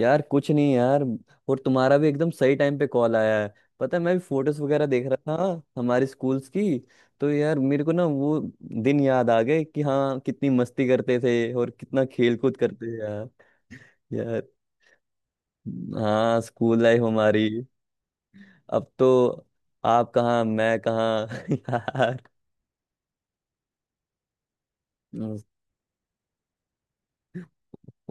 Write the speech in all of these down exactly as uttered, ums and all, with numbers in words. यार कुछ नहीं यार। और तुम्हारा भी एकदम सही टाइम पे कॉल आया है। पता है मैं भी फोटोज वगैरह देख रहा था हमारे स्कूल्स की। तो यार मेरे को ना वो दिन याद आ गए कि हाँ कितनी मस्ती करते थे और कितना खेल कूद करते थे यार। यार हाँ स्कूल लाइफ हमारी। अब तो आप कहाँ मैं कहाँ यार। उस-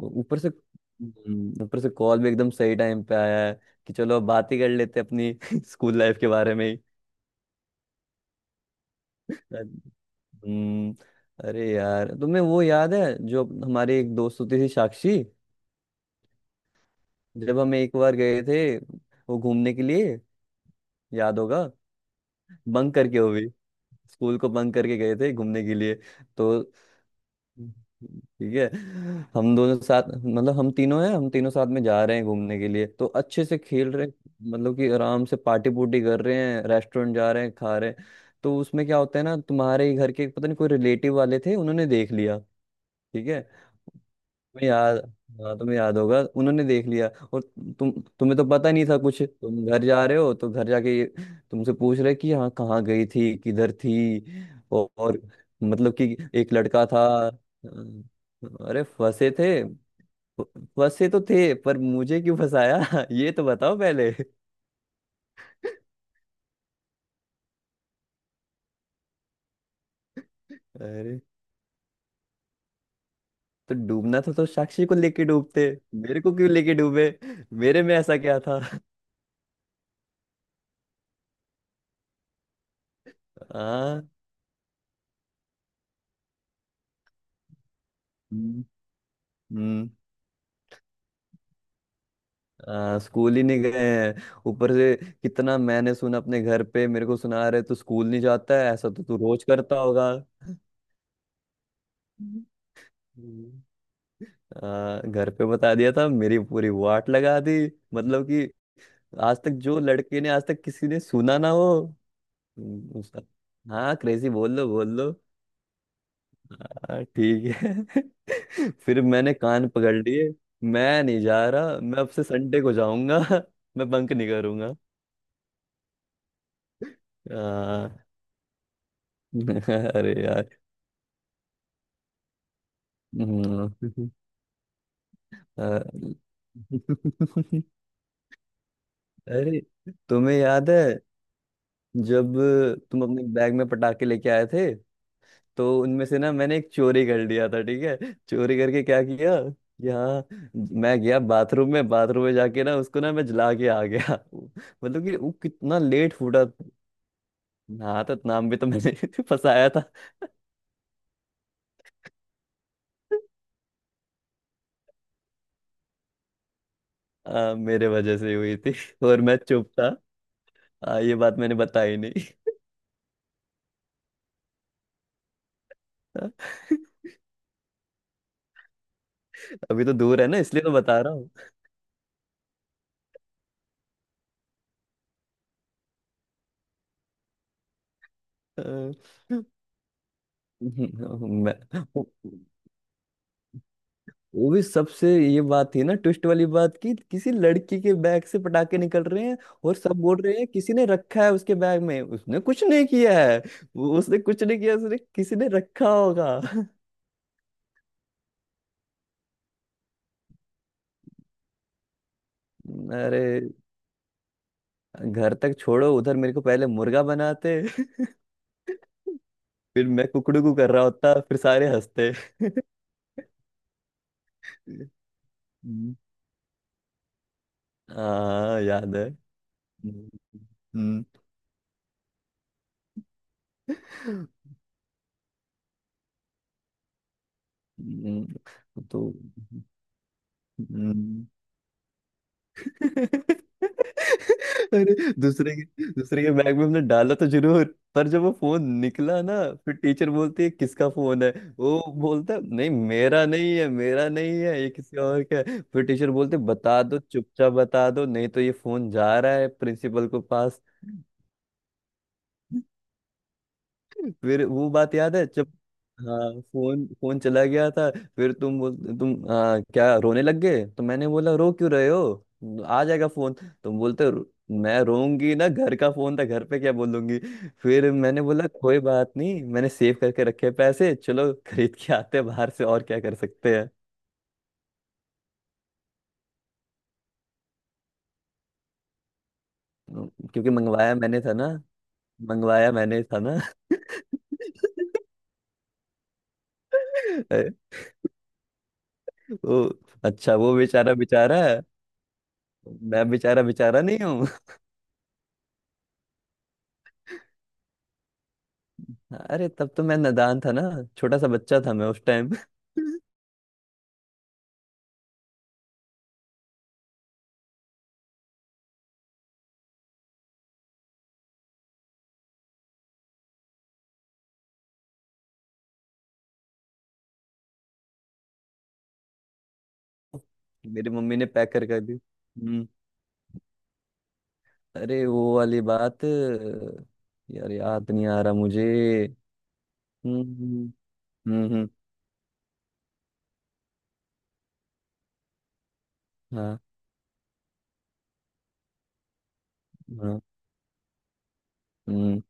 ऊपर से हम्म, ऊपर से कॉल भी एकदम सही टाइम पे आया है कि चलो अब बात ही कर लेते हैं अपनी स्कूल लाइफ के बारे में। ही। हम्म। अरे यार तुम्हें वो याद है जो हमारी एक दोस्त होती थी साक्षी। जब हम एक बार गए थे वो घूमने के लिए। याद होगा। बंक करके वो भी स्कूल को बंक करके गए थे घूमने के लिए। तो ठीक है। हम दोनों साथ मतलब हम तीनों हैं हम तीनों साथ में जा रहे हैं घूमने के लिए तो अच्छे से खेल रहे हैं। मतलब कि आराम से पार्टी पुर्टी कर रहे हैं रेस्टोरेंट जा रहे हैं खा रहे हैं। तो उसमें क्या होता है ना तुम्हारे ही घर के पता नहीं कोई रिलेटिव वाले थे उन्होंने देख लिया। ठीक है। तुम्हें याद। हाँ तुम्हें याद होगा उन्होंने देख लिया। और तुम तुम्हें तो पता नहीं था कुछ तुम घर जा रहे हो तो घर जाके ये तुमसे पूछ रहे कि यहाँ कहाँ गई थी किधर थी। और, और मतलब कि एक लड़का था। अरे फंसे थे। फंसे तो थे पर मुझे क्यों फंसाया? ये तो बताओ पहले। अरे तो डूबना था तो साक्षी को लेके डूबते। मेरे को क्यों लेके डूबे? मेरे में ऐसा क्या था? हाँ। हम्म। हम्म। आ, स्कूल ही नहीं गए हैं ऊपर से कितना मैंने सुना अपने घर पे। मेरे को सुना रहे तू स्कूल नहीं जाता है ऐसा तो तू रोज करता होगा। हम्म। आ, घर पे बता दिया था मेरी पूरी वाट लगा दी। मतलब कि आज तक जो लड़के ने आज तक किसी ने सुना ना हो। हम्म, उसका। हाँ क्रेजी बोल लो बोल लो। हाँ ठीक है। फिर मैंने कान पकड़ लिए। मैं नहीं जा रहा मैं अब से संडे को जाऊंगा। मैं बंक नहीं करूंगा। आ, अरे यार। हम्म, अ, अरे तुम्हें याद है जब तुम अपने बैग में पटाखे लेके आए थे? तो उनमें से ना मैंने एक चोरी कर लिया था ठीक है चोरी करके क्या किया। यहाँ मैं गया बाथरूम में बाथरूम में जाके ना उसको ना मैं जला के आ गया। मतलब कि वो कितना लेट फूटा। हाँ तो नाम भी तो मैंने फंसाया था। आ, मेरे वजह से हुई थी। और मैं चुप था। आ, ये बात मैंने बताई। नहीं। अभी तो दूर है ना इसलिए तो बता रहा हूँ। अ, मैं वो भी सबसे ये बात थी ना ट्विस्ट वाली बात की किसी लड़की के बैग से पटाखे निकल रहे हैं। और सब बोल रहे हैं किसी ने रखा है उसके बैग में उसने कुछ नहीं किया है। वो- उसने कुछ नहीं किया उसने किसी ने रखा होगा। अरे घर तक छोड़ो उधर मेरे को पहले मुर्गा बनाते। फिर मैं कुकड़ू कू कर रहा होता फिर सारे हंसते। हम्म, हाँ याद है। हम्म। हम्म। तो हम्म, अरे दूसरे के दूसरे के बैग में हमने डाला तो जरूर। पर जब वो फोन निकला ना फिर टीचर बोलती है किसका फोन है। वो बोलता है, नहीं मेरा नहीं है मेरा नहीं है ये किसी और का है। फिर टीचर बोलते बता दो चुपचाप बता दो नहीं तो ये फोन जा रहा है प्रिंसिपल को पास। फिर वो बात याद है जब हाँ फोन फोन चला गया था। फिर तुम बोल तुम आ, क्या रोने लग गए तो मैंने बोला रो क्यों रहे हो आ जाएगा फोन। तुम बोलते हो, "रो- मैं रोऊंगी ना घर का फोन था घर पे क्या बोलूंगी"। फिर मैंने बोला कोई बात नहीं मैंने सेव करके रखे पैसे चलो खरीद के आते हैं बाहर से और क्या कर सकते हैं। क्योंकि मंगवाया मैंने था ना मंगवाया मैंने था ना। अरे, वो अच्छा वो बेचारा बेचारा है, मैं बेचारा बेचारा नहीं हूँ। अरे तब तो मैं नादान था ना। छोटा सा बच्चा था मैं उस टाइम। मेरी मम्मी ने पैक कर कर दी। हम्म। अरे वो वाली बात अ, यार याद नहीं आ रहा मुझे। हम्म। हम्म। हम्म। हम्म। हाँ। हाँ। हम्म।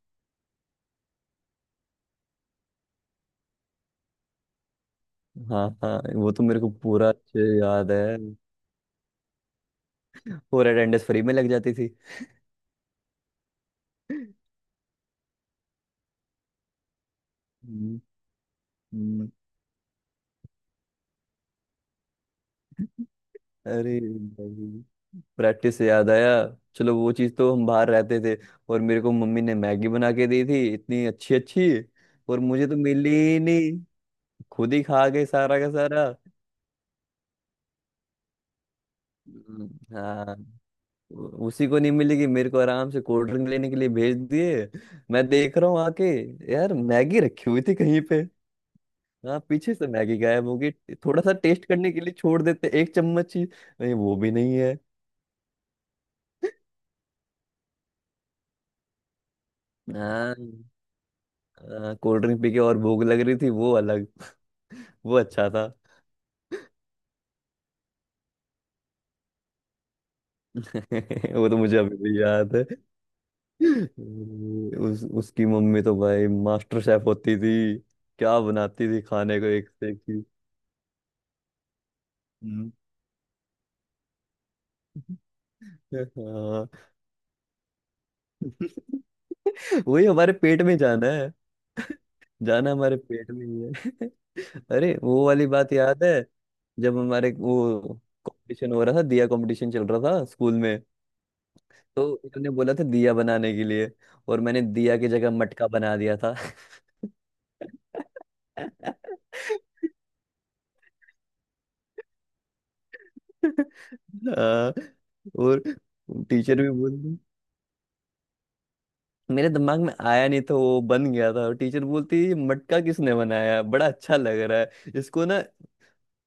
हाँ हाँ वो तो मेरे को पूरा अच्छे याद है। और अटेंडेंस फ्री में लग जाती थी। हम्म। हम्म। अरे भाई प्रैक्टिस से याद आया चलो वो चीज तो हम बाहर रहते थे। और मेरे को मम्मी ने मैगी बना के दी थी इतनी अच्छी अच्छी। और मुझे तो मिली ही नहीं खुद ही खा गए सारा का सारा। हम्म, हाँ। उ- उसी को नहीं मिलेगी मेरे को आराम से कोल्ड ड्रिंक लेने के लिए भेज दिए। मैं देख रहा हूँ आके यार मैगी रखी हुई थी कहीं पे। हाँ पीछे से मैगी गायब होगी। थोड़ा सा टेस्ट करने के लिए छोड़ देते एक चम्मच ही। नहीं, वो भी नहीं है। हाँ अ, कोल्ड ड्रिंक पी के और भूख लग रही थी वो अलग। वो अच्छा था। वो तो मुझे अभी भी याद है। उस उसकी मम्मी तो भाई मास्टर शेफ होती थी। क्या बनाती थी खाने को एक से एक चीज। हम्म। हाँ। वही हमारे पेट में जाना है। जाना हमारे पेट में ही है। अरे वो वाली बात याद है जब हमारे वो कंपटीशन हो रहा था दिया कंपटीशन चल रहा था स्कूल में। तो उन्होंने बोला था दिया बनाने के लिए। और मैंने दिया की जगह मटका बना दिया था। हाँ, और टीचर भी बोलती। मेरे दिमाग में आया नहीं था वो बन गया था और टीचर बोलती, "ये मटका किसने बनाया बड़ा अच्छा लग रहा है इसको ना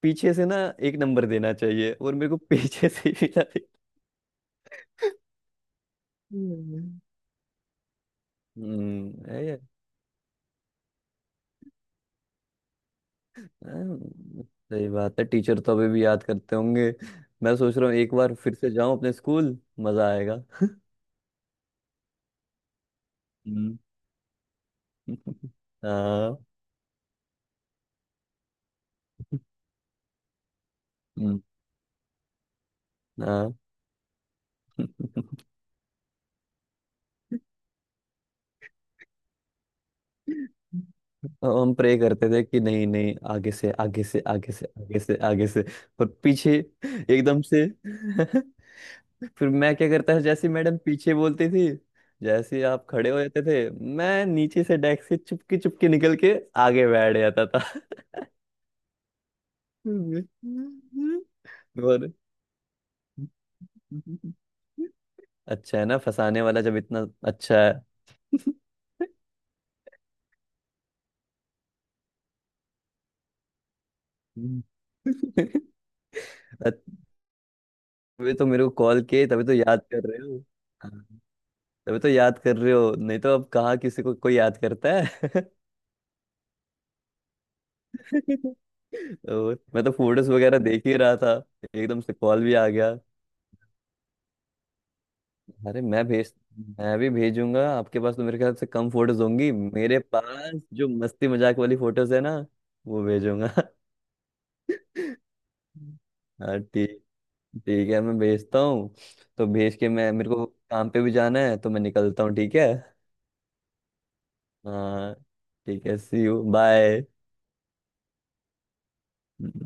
पीछे से ना एक नंबर देना चाहिए"। और मेरे को पीछे से ही मिला था। हम्म। हाँ, सही बात है टीचर तो अभी भी याद करते होंगे। मैं सोच रहा हूँ एक बार फिर से जाऊं अपने स्कूल मजा आएगा। हम्म। हाँ। हम्म। हाँ। और हम प्रे करते थे कि नहीं नहीं आगे से आगे से आगे से आगे से आगे से। पर पीछे एकदम से फिर मैं क्या करता था जैसे मैडम पीछे बोलती थी। जैसे ही आप खड़े हो जाते थे मैं नीचे से डेस्क से चुपके चुपके निकल के आगे बैठ जाता था। और अच्छा है ना फंसाने वाला जब इतना अच्छा है। हम्म। अ- तभी तो मेरे को कॉल किए तभी तो याद कर रहे हो। हाँ, तभी तो याद कर रहे हो नहीं तो अब कहाँ किसी को कोई याद करता है। और मैं तो फोटोज वगैरह देख ही रहा था एकदम से कॉल भी आ गया। अरे मैं भेज मैं भी भेजूंगा आपके पास तो मेरे ख्याल से कम फोटोज होंगी मेरे पास जो मस्ती मजाक वाली फोटोज है ना वो भेजूंगा। हाँ ठीक ठीक है मैं भेजता हूँ। तो भेज के मैं मेरे को काम पे भी जाना है तो मैं निकलता हूँ ठीक है। हाँ ठीक है सी यू बाय।